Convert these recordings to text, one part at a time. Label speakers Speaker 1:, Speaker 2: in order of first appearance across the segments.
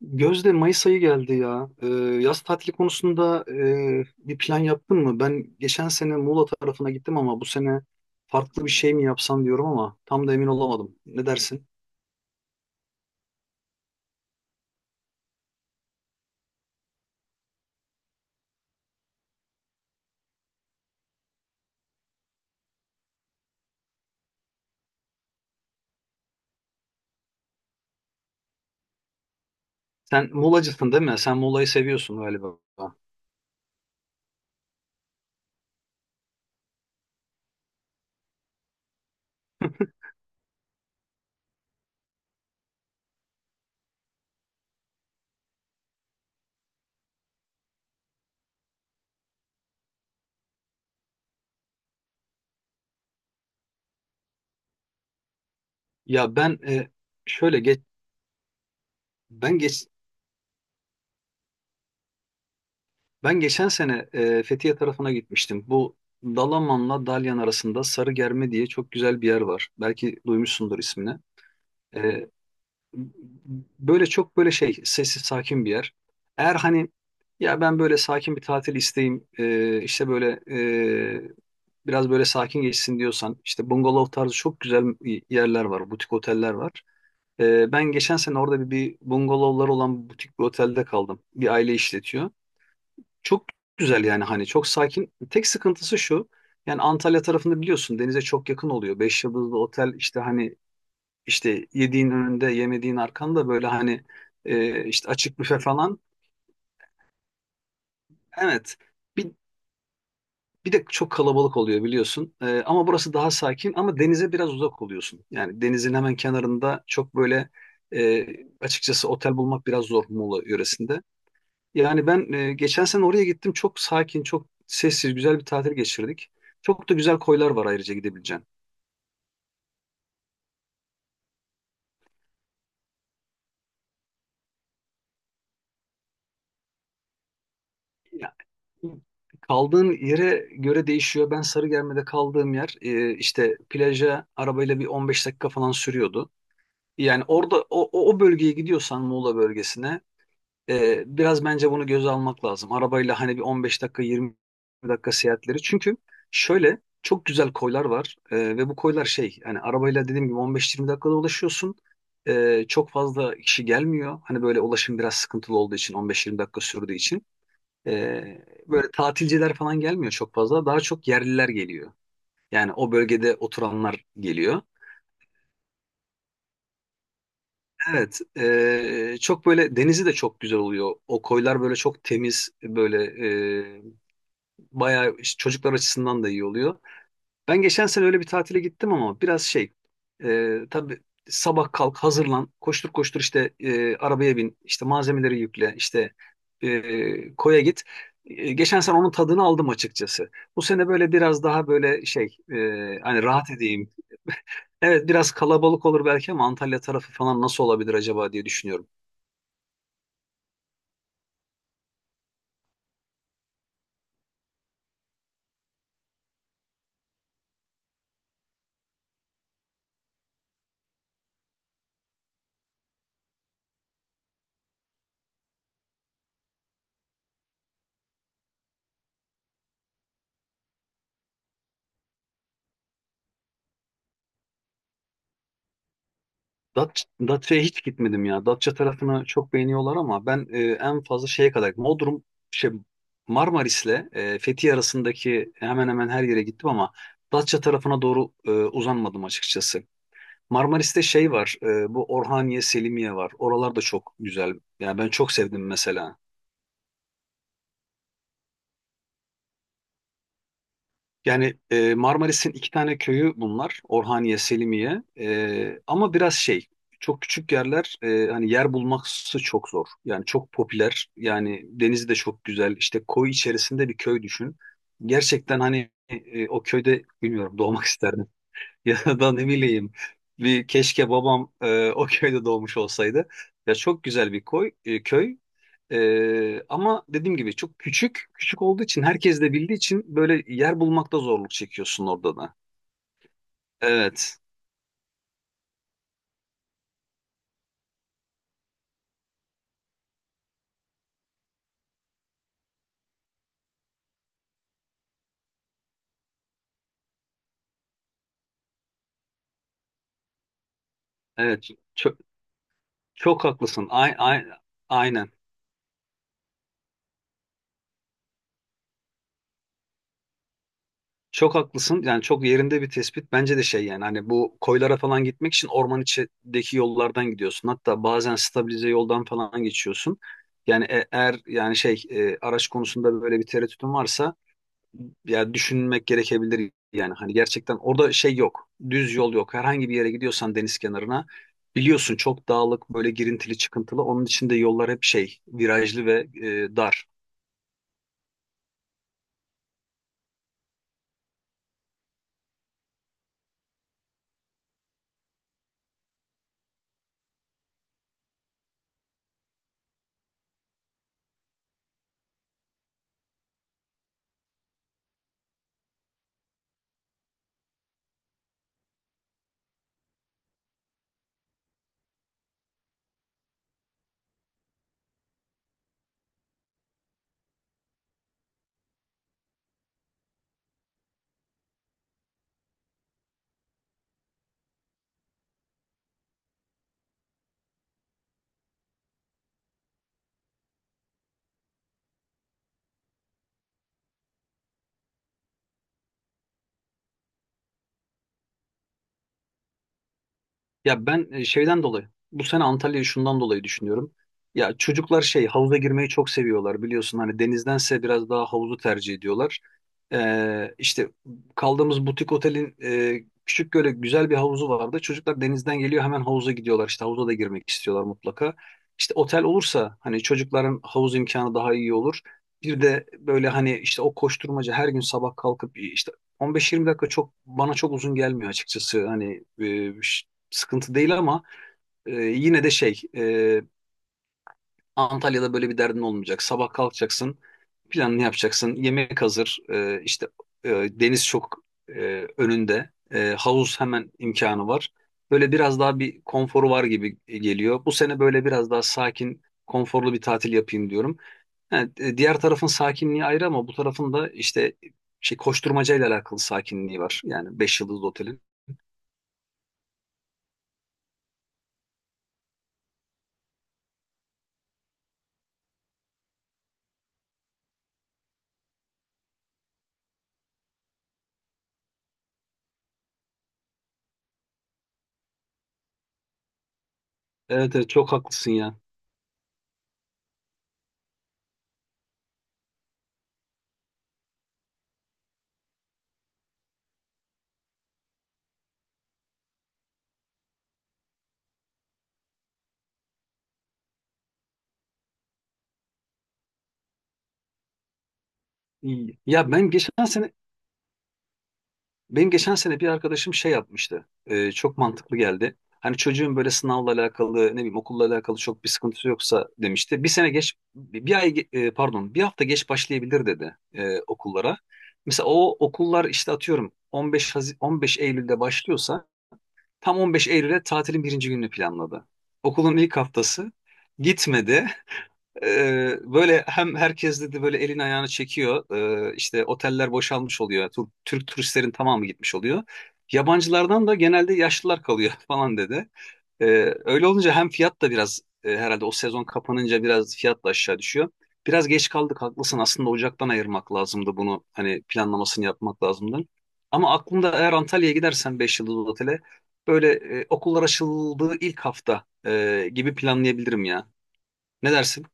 Speaker 1: Gözde, Mayıs ayı geldi ya. Yaz tatili konusunda bir plan yaptın mı? Ben geçen sene Muğla tarafına gittim ama bu sene farklı bir şey mi yapsam diyorum ama tam da emin olamadım. Ne dersin? Sen Muğlacısın değil mi? Sen Muğla'yı seviyorsun galiba. Ya ben e, şöyle geç ben geç ben geçen sene Fethiye tarafına gitmiştim. Bu Dalaman'la Dalyan arasında Sarıgerme diye çok güzel bir yer var. Belki duymuşsundur ismini. E, Böyle çok böyle sessiz sakin bir yer. Eğer hani ya ben böyle sakin bir tatil isteyeyim, işte böyle, e, biraz böyle sakin geçsin diyorsan işte bungalov tarzı çok güzel yerler var, butik oteller var. Ben geçen sene orada bir bungalovlar olan butik bir otelde kaldım. Bir aile işletiyor. Çok güzel yani hani çok sakin. Tek sıkıntısı şu. Yani Antalya tarafında biliyorsun denize çok yakın oluyor. Beş yıldızlı otel işte hani işte yediğin önünde, yemediğin arkanda böyle hani, işte açık büfe falan. Evet. Bir, bir de çok kalabalık oluyor biliyorsun. Ama burası daha sakin ama denize biraz uzak oluyorsun. Yani denizin hemen kenarında çok böyle, e, açıkçası otel bulmak biraz zor Muğla yöresinde. Yani ben, geçen sene oraya gittim. Çok sakin, çok sessiz, güzel bir tatil geçirdik. Çok da güzel koylar var ayrıca gidebileceğin. Kaldığın yere göre değişiyor. Ben Sarıgerme'de kaldığım yer, işte plaja arabayla bir 15 dakika falan sürüyordu. Yani orada o bölgeye gidiyorsan Muğla bölgesine, biraz bence bunu göze almak lazım. Arabayla hani bir 15 dakika 20 dakika seyahatleri. Çünkü şöyle çok güzel koylar var, ve bu koylar hani arabayla dediğim gibi 15-20 dakikada ulaşıyorsun. Çok fazla kişi gelmiyor. Hani böyle ulaşım biraz sıkıntılı olduğu için 15-20 dakika sürdüğü için. Böyle tatilciler falan gelmiyor çok fazla. Daha çok yerliler geliyor. Yani o bölgede oturanlar geliyor. Evet, çok böyle denizi de çok güzel oluyor. O koylar böyle çok temiz, böyle, ee, bayağı işte çocuklar açısından da iyi oluyor. Ben geçen sene öyle bir tatile gittim ama biraz tabii sabah kalk hazırlan koştur koştur işte, arabaya bin işte malzemeleri yükle işte, koya git. Geçen sene onun tadını aldım açıkçası. Bu sene böyle biraz daha böyle hani rahat edeyim. Evet, biraz kalabalık olur belki ama Antalya tarafı falan nasıl olabilir acaba diye düşünüyorum. Datça'ya hiç gitmedim ya. Datça tarafını çok beğeniyorlar ama ben, en fazla şeye kadar gittim. Bodrum şey Marmaris'le, Fethiye arasındaki hemen hemen her yere gittim ama Datça tarafına doğru uzanmadım açıkçası. Marmaris'te şey var. Bu Orhaniye, Selimiye var. Oralar da çok güzel. Yani ben çok sevdim mesela. Yani, Marmaris'in iki tane köyü bunlar. Orhaniye, Selimiye. Ama biraz çok küçük yerler. Hani yer bulması çok zor. Yani çok popüler. Yani denizi de çok güzel. İşte koy içerisinde bir köy düşün. Gerçekten hani, o köyde bilmiyorum doğmak isterdim. Ya da ne bileyim bir keşke babam, o köyde doğmuş olsaydı. Ya çok güzel bir koy, köy. Ama dediğim gibi çok küçük. Küçük olduğu için herkes de bildiği için böyle yer bulmakta zorluk çekiyorsun orada da. Evet. Evet. Çok, çok haklısın. Ay, ay, aynen. Çok haklısın. Yani çok yerinde bir tespit. Bence de yani hani bu koylara falan gitmek için orman içindeki yollardan gidiyorsun. Hatta bazen stabilize yoldan falan geçiyorsun. Yani eğer yani araç konusunda böyle bir tereddütün varsa ya düşünmek gerekebilir yani hani gerçekten orada şey yok. Düz yol yok. Herhangi bir yere gidiyorsan deniz kenarına biliyorsun çok dağlık böyle girintili çıkıntılı. Onun için de yollar hep virajlı ve dar. Ya ben, şeyden dolayı bu sene Antalya'yı şundan dolayı düşünüyorum. Ya çocuklar havuza girmeyi çok seviyorlar biliyorsun hani denizdense biraz daha havuzu tercih ediyorlar. İşte kaldığımız butik otelin, küçük böyle güzel bir havuzu vardı. Çocuklar denizden geliyor hemen havuza gidiyorlar işte havuza da girmek istiyorlar mutlaka. İşte otel olursa hani çocukların havuz imkanı daha iyi olur. Bir de böyle hani işte o koşturmaca her gün sabah kalkıp işte 15-20 dakika çok bana çok uzun gelmiyor açıkçası. Hani, sıkıntı değil ama, yine de Antalya'da böyle bir derdin olmayacak. Sabah kalkacaksın, planını yapacaksın, yemek hazır, işte, deniz çok, önünde, havuz hemen imkanı var. Böyle biraz daha bir konforu var gibi geliyor. Bu sene böyle biraz daha sakin, konforlu bir tatil yapayım diyorum. Yani, diğer tarafın sakinliği ayrı ama bu tarafın da işte koşturmacayla alakalı sakinliği var. Yani 5 yıldızlı otelin. Evet, evet, çok haklısın ya. İyi. Benim geçen sene bir arkadaşım şey yapmıştı. Çok mantıklı geldi. Hani çocuğun böyle sınavla alakalı, ne bileyim okulla alakalı çok bir sıkıntısı yoksa demişti. Bir sene geç, bir ay, pardon, bir hafta geç başlayabilir dedi, okullara. Mesela o okullar işte atıyorum 15 Eylül'de başlıyorsa tam 15 Eylül'e tatilin birinci gününü planladı. Okulun ilk haftası gitmedi. Böyle hem herkes dedi böyle elini ayağını çekiyor. İşte oteller boşalmış oluyor. Türk turistlerin tamamı gitmiş oluyor. Yabancılardan da genelde yaşlılar kalıyor falan dedi. Öyle olunca hem fiyat da biraz, herhalde o sezon kapanınca biraz fiyat da aşağı düşüyor. Biraz geç kaldık haklısın. Aslında Ocak'tan ayırmak lazımdı bunu. Hani planlamasını yapmak lazımdı. Ama aklımda, eğer Antalya'ya gidersen 5 yıldızlı otele böyle, okullar açıldığı ilk hafta gibi planlayabilirim ya. Ne dersin?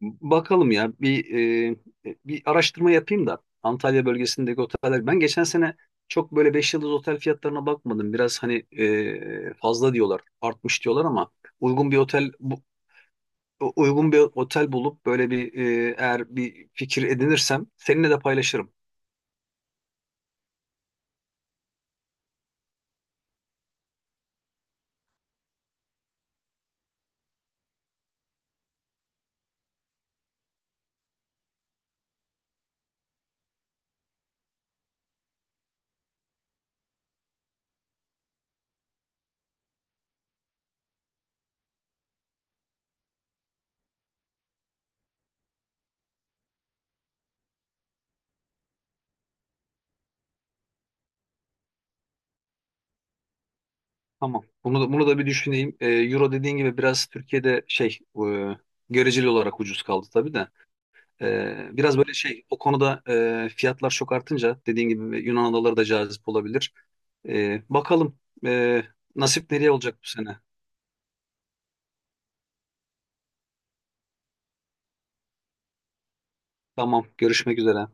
Speaker 1: Bakalım ya e, bir araştırma yapayım da Antalya bölgesindeki oteller. Ben geçen sene çok böyle 5 yıldız otel fiyatlarına bakmadım. Biraz hani, fazla diyorlar, artmış diyorlar ama uygun bir otel bu, uygun bir otel bulup böyle eğer bir fikir edinirsem seninle de paylaşırım. Tamam. Bunu da bir düşüneyim. Euro dediğin gibi biraz Türkiye'de e, göreceli olarak ucuz kaldı tabii de. Biraz böyle o konuda, fiyatlar çok artınca dediğin gibi Yunan adaları da cazip olabilir. Bakalım e, nasip nereye olacak bu sene. Tamam, görüşmek üzere.